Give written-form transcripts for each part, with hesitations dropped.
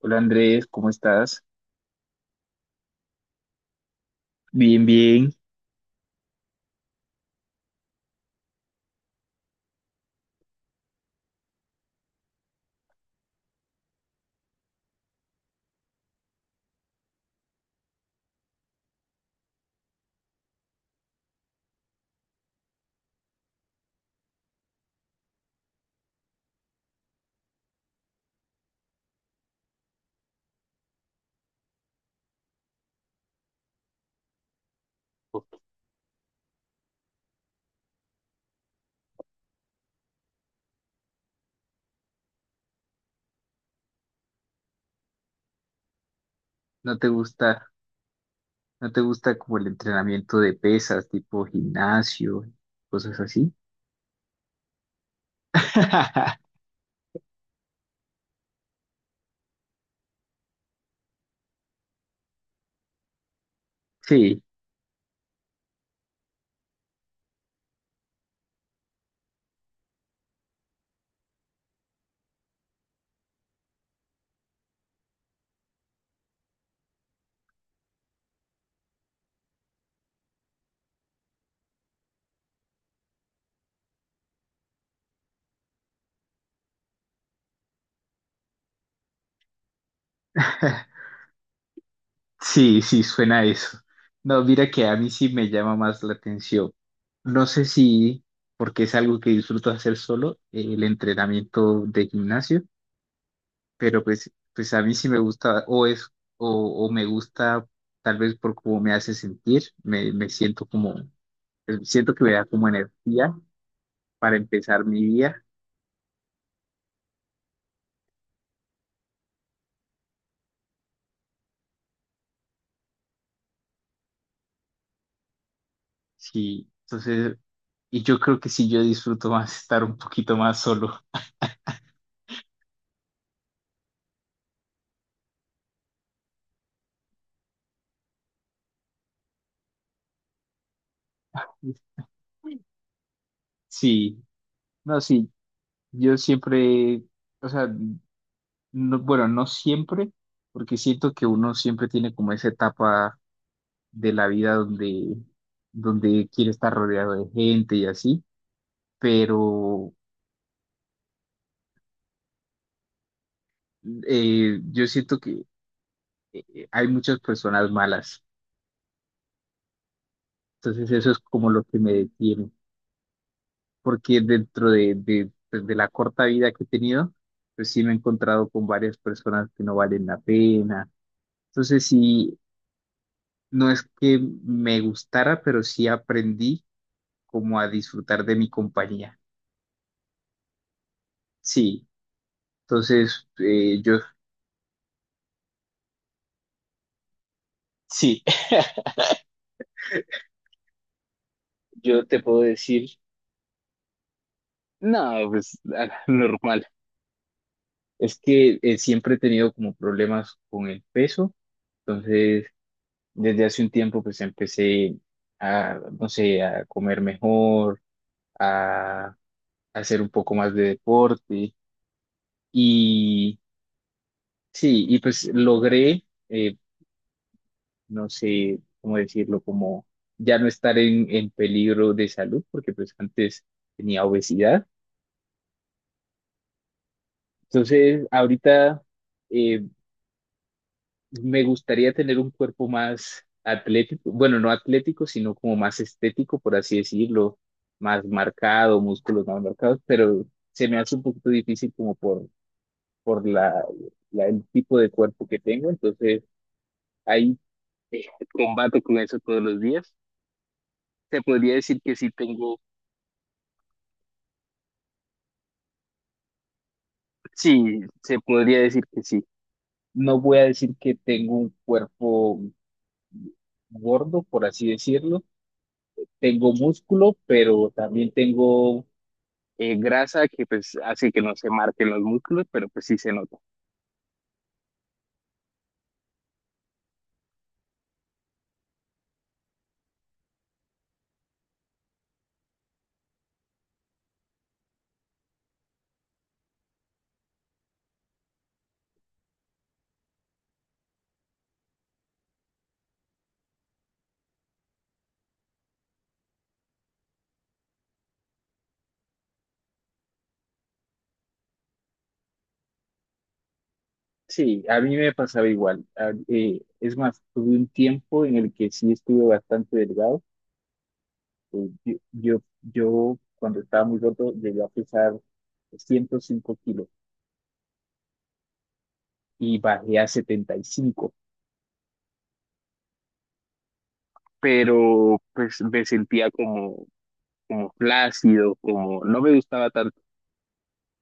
Hola Andrés, ¿cómo estás? Bien, bien. ¿No te gusta, no te gusta como el entrenamiento de pesas, tipo gimnasio, cosas así? Sí, sí, sí, suena a eso. No, mira que a mí sí me llama más la atención. No sé si, porque es algo que disfruto hacer solo, el entrenamiento de gimnasio, pero pues a mí sí me gusta, o me gusta tal vez por cómo me hace sentir, me siento como. Siento que me da como energía para empezar mi día. Sí, entonces, y yo creo que sí, yo disfruto más estar un poquito más solo. Sí, no, sí, yo siempre, o sea, bueno, no siempre, porque siento que uno siempre tiene como esa etapa de la vida donde quiere estar rodeado de gente y así, pero yo siento que hay muchas personas malas, entonces eso es como lo que me detiene. Porque dentro de la corta vida que he tenido, pues sí me he encontrado con varias personas que no valen la pena. Entonces sí, no es que me gustara, pero sí aprendí como a disfrutar de mi compañía. Sí, entonces yo sí, yo te puedo decir, no, pues normal. Es que siempre he tenido como problemas con el peso, entonces... Desde hace un tiempo pues empecé a, no sé, a comer mejor, a, a hacer un poco más de deporte y sí, y pues logré, no sé cómo decirlo, como ya no estar en peligro de salud porque pues antes tenía obesidad. Entonces ahorita, eh, Me gustaría tener un cuerpo más atlético, bueno, no atlético, sino como más estético, por así decirlo, más marcado, músculos más marcados, pero se me hace un poquito difícil como por, por la, el tipo de cuerpo que tengo, entonces ahí eh, combato con eso todos los días. Se podría decir que sí tengo, sí, se podría decir que sí. No voy a decir que tengo un cuerpo gordo, por así decirlo. Tengo músculo, pero también tengo grasa que pues hace que no se marquen los músculos, pero pues sí se nota. Sí, a mí me pasaba igual. Es más, tuve un tiempo en el que sí estuve bastante delgado. Yo, cuando estaba muy roto llegué a pesar 105 kilos y bajé a 75, pero pues me sentía como flácido, como no me gustaba tanto.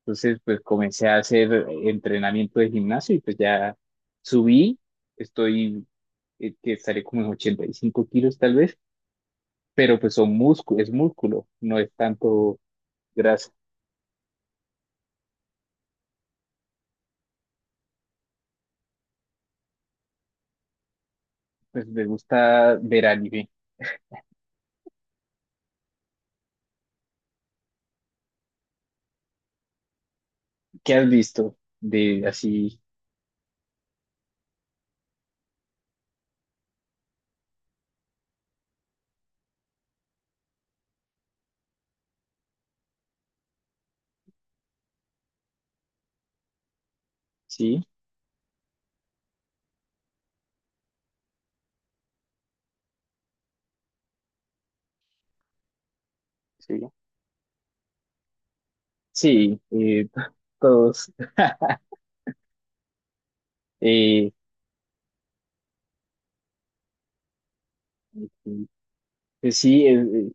Entonces, pues comencé a hacer entrenamiento de gimnasio y pues ya subí, estoy, que estaré como en 85 kilos tal vez, pero pues son músculo, es músculo, no es tanto grasa. Pues me gusta ver anime. ¿Qué has visto de así? Sí, sí, sí, todos. Eh, pues sí,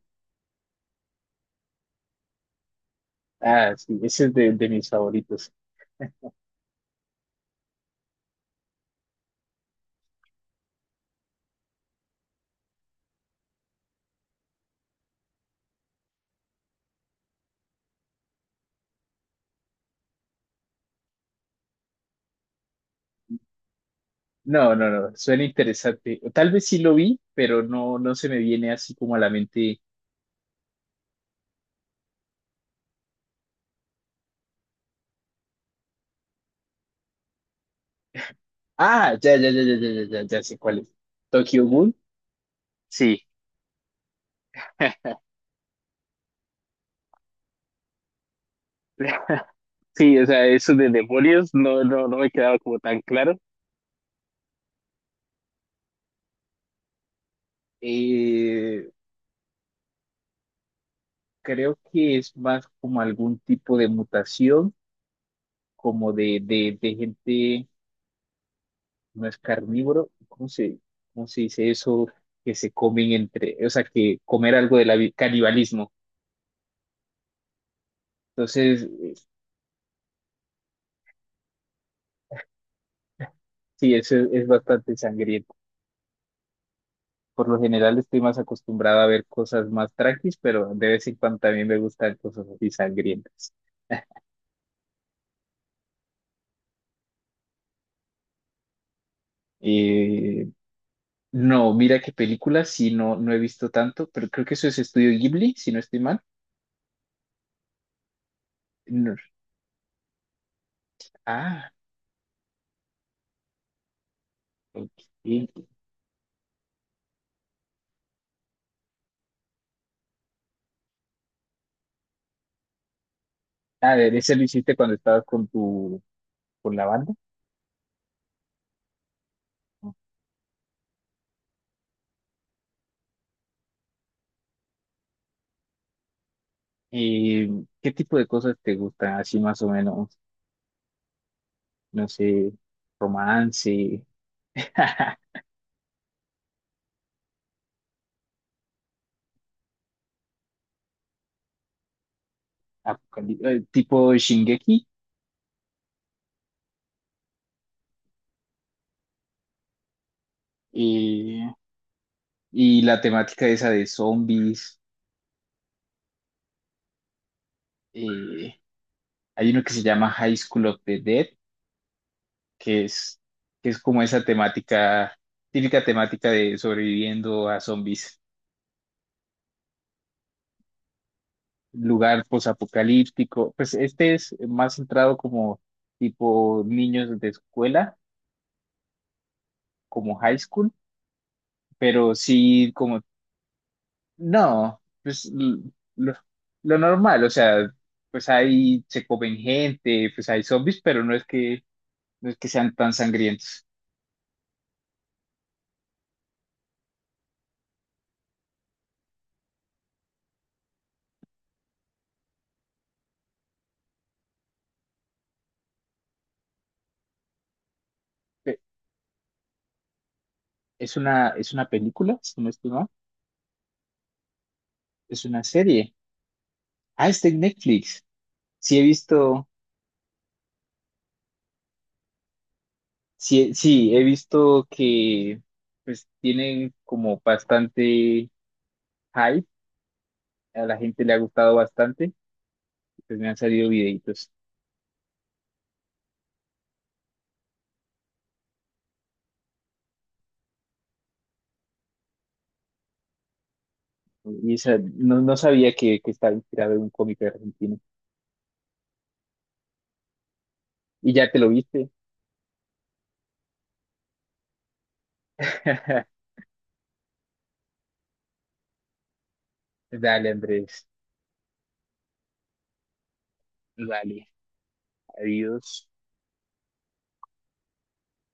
ah, sí, ese es de mis favoritos. No, no, no, suena interesante. Tal vez sí lo vi, pero no se me viene así como a la mente. Ah, ya, ya, ya, ya, ya, ya, ya, ya sé cuál es. Tokyo Ghoul, sí. Sí, o sea, eso de demonios no me quedaba como tan claro. Eh, Creo que es más como algún tipo de mutación, como de gente, no es carnívoro, ¿cómo se dice eso? Que se comen entre, o sea, que comer algo de canibalismo. Entonces, sí, eso es bastante sangriento. Por lo general estoy más acostumbrado a ver cosas más tranquis, pero de vez en cuando también me gustan cosas así sangrientas. Eh, no, mira qué película, sí, no he visto tanto, pero creo que eso es Estudio Ghibli, si no estoy mal. No. Ah, ok. A ver, ese lo hiciste cuando estabas con con la banda. Eh, ¿Qué tipo de cosas te gustan? Así más o menos, no sé, romance, tipo Shingeki. eh, y la temática esa de zombies. eh, hay uno que se llama High School of the Dead, que es, que es como esa temática, típica temática de sobreviviendo a zombies. Lugar posapocalíptico. Pues este es más centrado como tipo niños de escuela, como high school, pero sí como, no, pues lo, lo normal, o sea, pues ahí se comen gente, pues hay zombies, pero no es que sean tan sangrientos. Pe- es una película, si no estoy mal. Es una serie. Ah, está en Netflix. Sí he visto, sí, sí, he visto que pues tienen como bastante hype. A la gente le ha gustado bastante. Pues me han salido videitos. Y esa, no sabía que estaba inspirado en un cómic argentino. Y ya te lo viste. Dale, Andrés. Dale. Adiós.